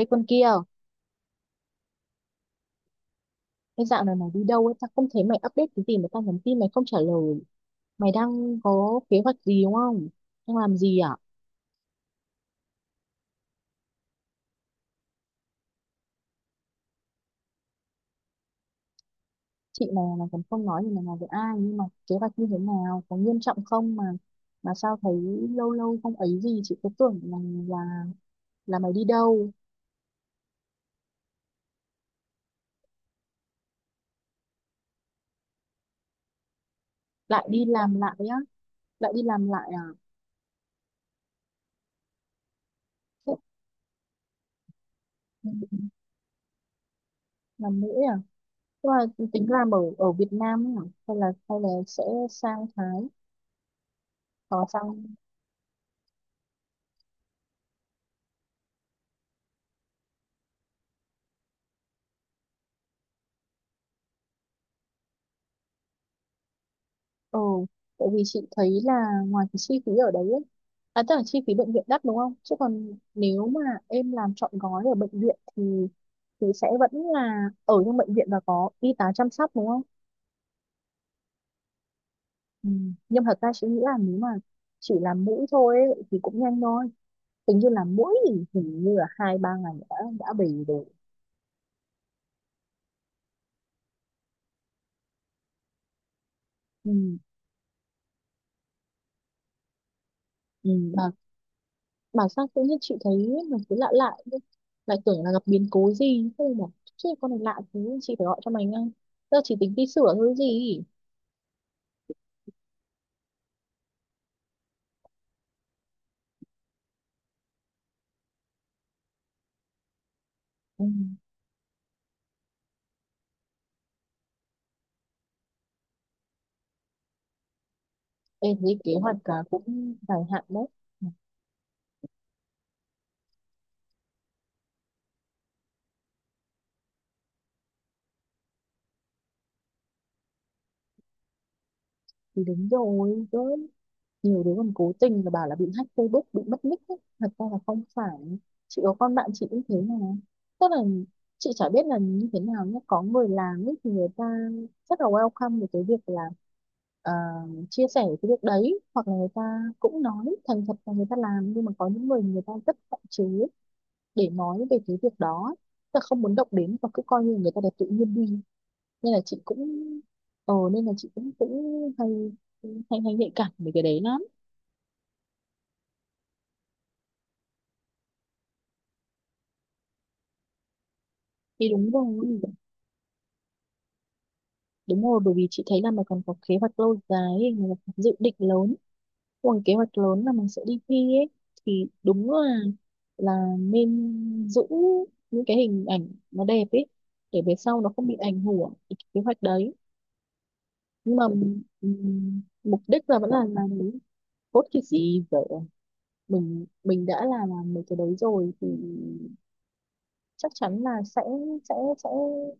Ê con kia, cái dạo này mày đi đâu ấy, tao không thấy mày update cái gì mà tao nhắn tin mày không trả lời. Mày đang có kế hoạch gì đúng không? Đang làm gì à? Chị mày là còn không nói gì mày nói với ai, nhưng mà kế hoạch như thế nào, có nghiêm trọng không mà sao thấy lâu lâu không ấy gì, chị cứ tưởng là là là mày đi đâu, lại đi làm lại á, lại đi làm lại à? Thế, làm nữa à? Tức là tính làm ở ở Việt Nam ấy à? Hay là sẽ sang Thái, có sang. Ừ, tại vì chị thấy là ngoài cái chi phí ở đấy ấy, à tức là chi phí bệnh viện đắt đúng không? Chứ còn nếu mà em làm trọn gói ở bệnh viện thì sẽ vẫn là ở trong bệnh viện và có y tá chăm sóc đúng không? Ừ. Nhưng thật ra chị nghĩ là nếu mà chỉ làm mũi thôi ấy, thì cũng nhanh thôi. Tính như là mũi thì hình như là hai ba ngày đã về rồi. Ừ. Ừ. Bảo sao tự nhiên chị thấy mình cứ lạ lạ thế? Lại tưởng là gặp biến cố gì, thế là bảo chứ con này lạ thế chị phải gọi cho mày ngay, giờ chỉ tính đi sửa thôi gì. Ừ, em thấy kế hoạch cả cũng dài hạn đấy. Thì đúng rồi cơ, nhiều đứa còn cố tình là bảo là bị hack Facebook bị mất nick ấy. Thật ra là không phải. Chị có con bạn chị cũng thế mà, tức là chị chả biết là như thế nào nhé, có người làm ấy thì người ta rất là welcome về cái việc là, ờ, chia sẻ cái việc đấy, hoặc là người ta cũng nói thành thật là người ta làm, nhưng mà có những người người ta rất hạn chế để nói về cái việc đó, tức là không muốn động đến và cứ coi như người ta đẹp tự nhiên đi. Nên là chị cũng, ờ nên là chị cũng cũng hay hay hay nhạy cảm về cái đấy lắm. Thì đúng rồi, đúng rồi, bởi vì chị thấy là mày còn có kế hoạch lâu dài ấy, mày có dự định lớn, còn kế hoạch lớn là mình sẽ đi thi ấy, thì đúng là nên giữ những cái hình ảnh nó đẹp ấy để về sau nó không bị ảnh hưởng đến cái kế hoạch đấy. Nhưng mà mục đích là vẫn là làm đúng cốt cái gì vậy. Mình đã là làm mấy cái đấy rồi thì chắc chắn là sẽ. sẽ sẽ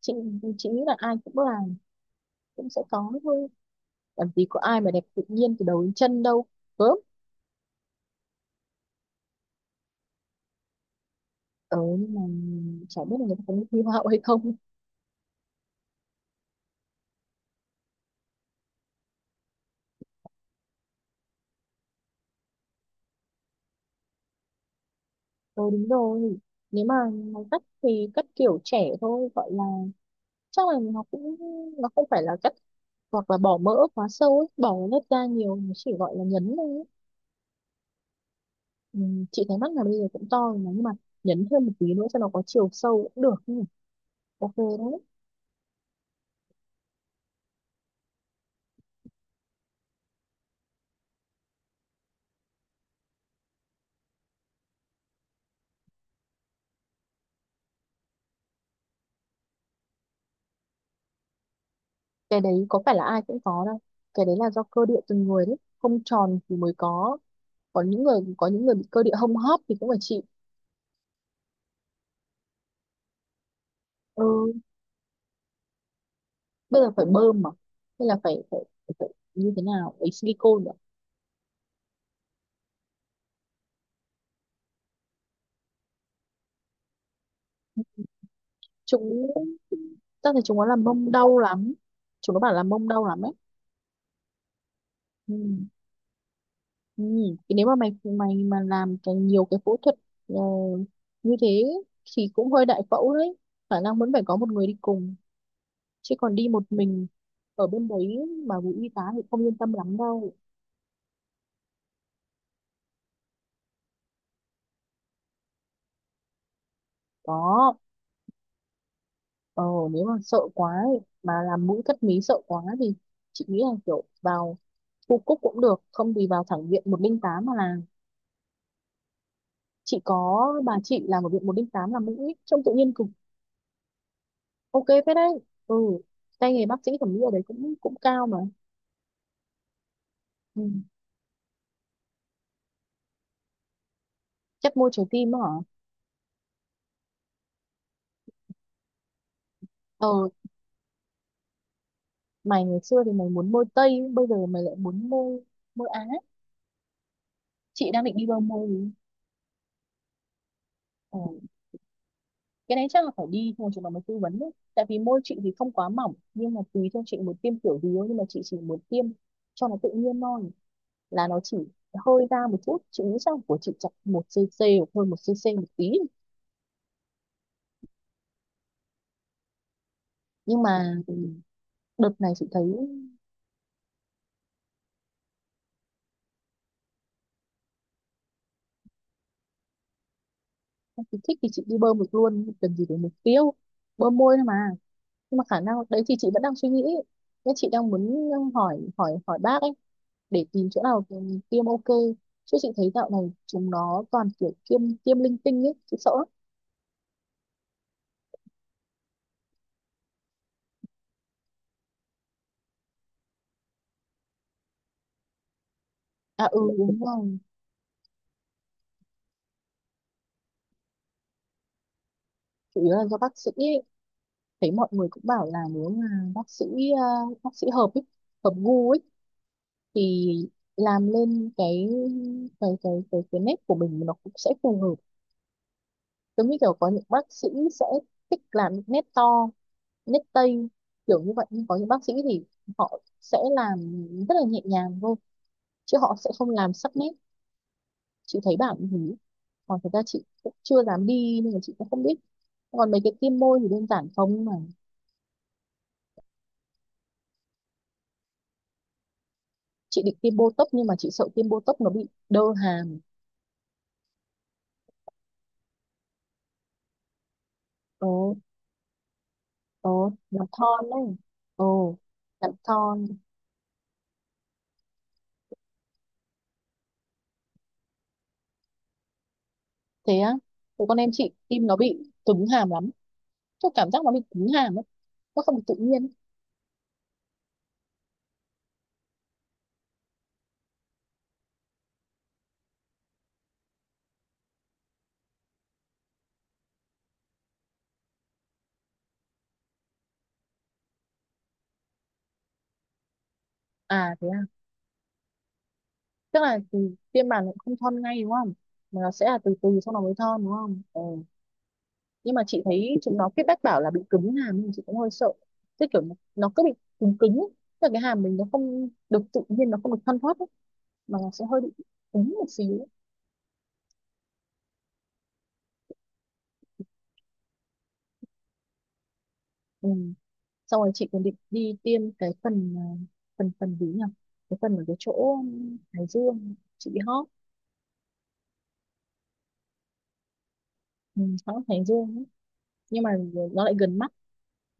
chị chị nghĩ là ai cũng làm cũng sẽ có thôi, làm gì có ai mà đẹp tự nhiên từ đầu đến chân đâu, gớm. Ờ, nhưng mà chả biết là người ta có thi hoa hậu hay không. Ờ, đúng rồi, nếu mà nó cắt thì cắt kiểu trẻ thôi gọi là, chắc là nó cũng, nó không phải là cắt hoặc là bỏ mỡ quá sâu ấy bỏ lớp da nhiều, nó chỉ gọi là nhấn thôi ấy. Ừ, chị thấy mắt là bây giờ cũng to rồi mà, nhưng mà nhấn thêm một tí nữa cho nó có chiều sâu cũng được nhỉ. Ok đấy. Cái đấy có phải là ai cũng có đâu, cái đấy là do cơ địa từng người đấy, không tròn thì mới có những người, bị cơ địa hông hấp thì cũng phải chịu. Ừ, bây giờ phải bơm mà, hay là phải như thế nào ấy silicone nữa. Chúng tao thấy chúng nó làm mông đau lắm, chúng nó bảo là mông đau lắm ấy. Ừ. Ừ. Thì nếu mà mày mày mà làm cái nhiều cái phẫu thuật, ờ, như thế thì cũng hơi đại phẫu đấy, khả năng vẫn phải có một người đi cùng, chứ còn đi một mình ở bên đấy mà bị y tá thì không yên tâm lắm đâu. Đó. Ờ, nếu mà sợ quá ấy, mà làm mũi cất mí sợ quá thì chị nghĩ là kiểu vào khu Cúc cũng được, không thì vào thẳng viện 108 mà làm. Chị có bà chị làm ở viện 108 làm mũi ấy, trông tự nhiên cực. Ok phết đấy. Ừ, tay nghề bác sĩ thẩm mỹ ở đấy cũng cũng cao mà. Ừ. Chắc môi trái tim á hả. Ờ, mày ngày xưa thì mày muốn môi Tây, bây giờ mày lại muốn môi môi Á. Chị đang định đi đâu môi. Ờ. Cái đấy chắc là phải đi thôi chúng nó mới tư vấn đấy, tại vì môi chị thì không quá mỏng, nhưng mà tùy theo chị muốn tiêm kiểu gì thôi, nhưng mà chị chỉ muốn tiêm cho nó tự nhiên thôi, là nó chỉ hơi ra một chút. Chị nghĩ chắc của chị chặt 1 cc hoặc hơn 1 cc một tí. Nhưng mà đợt này chị thấy, chị thích thì chị đi bơm được luôn, cần gì để mục tiêu, bơm môi thôi mà. Nhưng mà khả năng đấy thì chị vẫn đang suy nghĩ, nên chị đang muốn hỏi hỏi hỏi bác ấy để tìm chỗ nào thì mình tiêm ok. Chứ chị thấy dạo này chúng nó toàn kiểu tiêm tiêm linh tinh ấy, chị sợ lắm. À, ừ, đúng rồi, chủ yếu là do bác sĩ ấy. Thấy mọi người cũng bảo là nếu mà bác sĩ, à, bác sĩ hợp ấy, hợp gu ấy, thì làm lên cái nét của mình nó cũng sẽ phù hợp. Giống như kiểu có những bác sĩ sẽ thích làm những nét to, nét Tây kiểu như vậy, nhưng có những bác sĩ thì họ sẽ làm rất là nhẹ nhàng thôi chứ họ sẽ không làm sắc nét. Chị thấy bảo như thế. Còn thực ra chị cũng chưa dám đi nên là chị cũng không biết, còn mấy cái tiêm môi thì đơn giản không mà. Chị định tiêm botox nhưng mà chị sợ tiêm botox nó bị đơ hàm. Ồ. Ồ, làm thon đấy. Ồ, làm thon. Thế á. Thế con em chị tim nó bị cứng hàm lắm, tôi cảm giác nó bị cứng hàm ấy, nó không được tự nhiên. À, thế à, tức là thì tiêm bàn cũng không thon ngay đúng không, mà nó sẽ là từ từ sau nó mới thon đúng không. Ờ. Nhưng mà chị thấy chúng nó feedback bảo là bị cứng hàm nhưng chị cũng hơi sợ, tức kiểu nó cứ bị cứng cứng ấy. Tức là cái hàm mình nó không được tự nhiên, nó không được thoăn thoắt ấy, mà nó sẽ hơi bị cứng một xíu ấy. Ừ. Xong rồi chị còn định đi tiêm cái phần, à, phần phần gì nhỉ, cái phần ở cái chỗ Hải Dương chị bị hót. Ừ, hót Hải Dương ấy. Nhưng mà nó lại gần mắt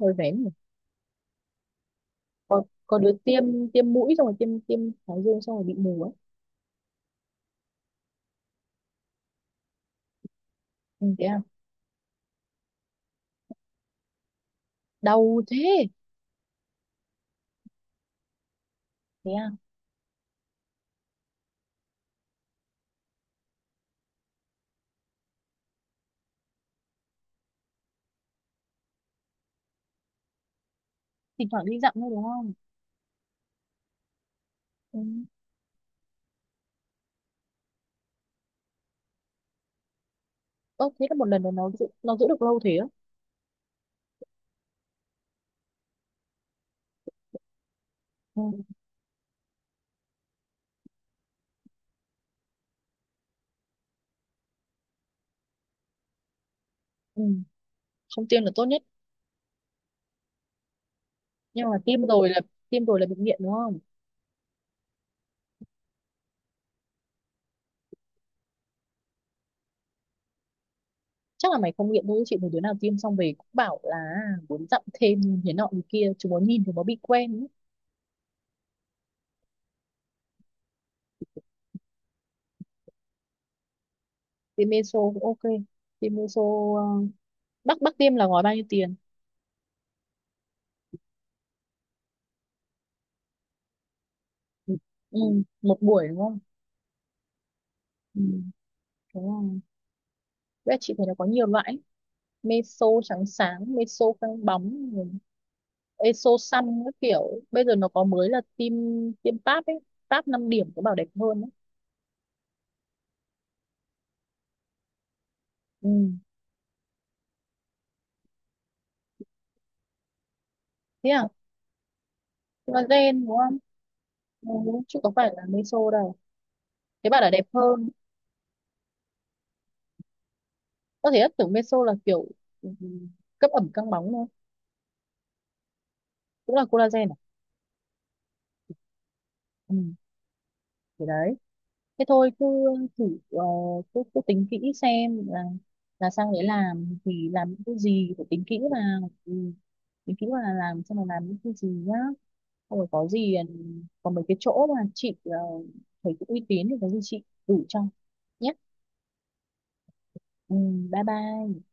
hơi vén nhỉ. Có đứa tiêm, tiêm mũi xong rồi tiêm tiêm Hải Dương xong rồi bị mù ấy. Ừ, thế à. Đau thế. Thế à. Thỉnh thoảng đi dặm thôi đúng không. Ừ. Ơ thế là một lần nó giữ, nó giữ được lâu thế á. Ừ. Ừ, không tiêm là tốt nhất. Nhưng mà tiêm rồi là, bị nghiện đúng không? Chắc là mày không nghiện thôi, chị thấy đứa nào tiêm xong về cũng bảo là muốn dặm thêm, nhìn thế nọ như kia chúng nó nhìn chúng nó bị quen ấy. Tiêm meso cũng ok. Tiêm meso ờ, bác bác tiêm là gói bao nhiêu tiền. Ừ. Ừ, một buổi đúng không. Ừ. Đúng rồi. Với lại chị thấy nó có nhiều loại ấy, meso trắng sáng, meso căng bóng, eso so các kiểu. Bây giờ nó có mới là tiêm Pap ấy, Pap 5 điểm có bảo đẹp hơn ấy. Ừ. Thế à, nó gen đúng không. Ừ. Chứ có phải là meso đâu, thế bảo là đẹp hơn. Có thể ất tưởng meso là kiểu, ừ, cấp ẩm căng bóng thôi, cũng là collagen à. Ừ. Thế đấy, thế thôi cứ thử. Cứ tính kỹ xem là sang đấy làm thì làm những cái gì, phải tính kỹ vào. Ừ. Tính kỹ vào là làm xem là làm những cái gì nhá. Ôi, có gì, có mấy cái chỗ mà chị, thấy cũng uy tín thì có gì chị đủ cho nhé. Ừ, bye bye.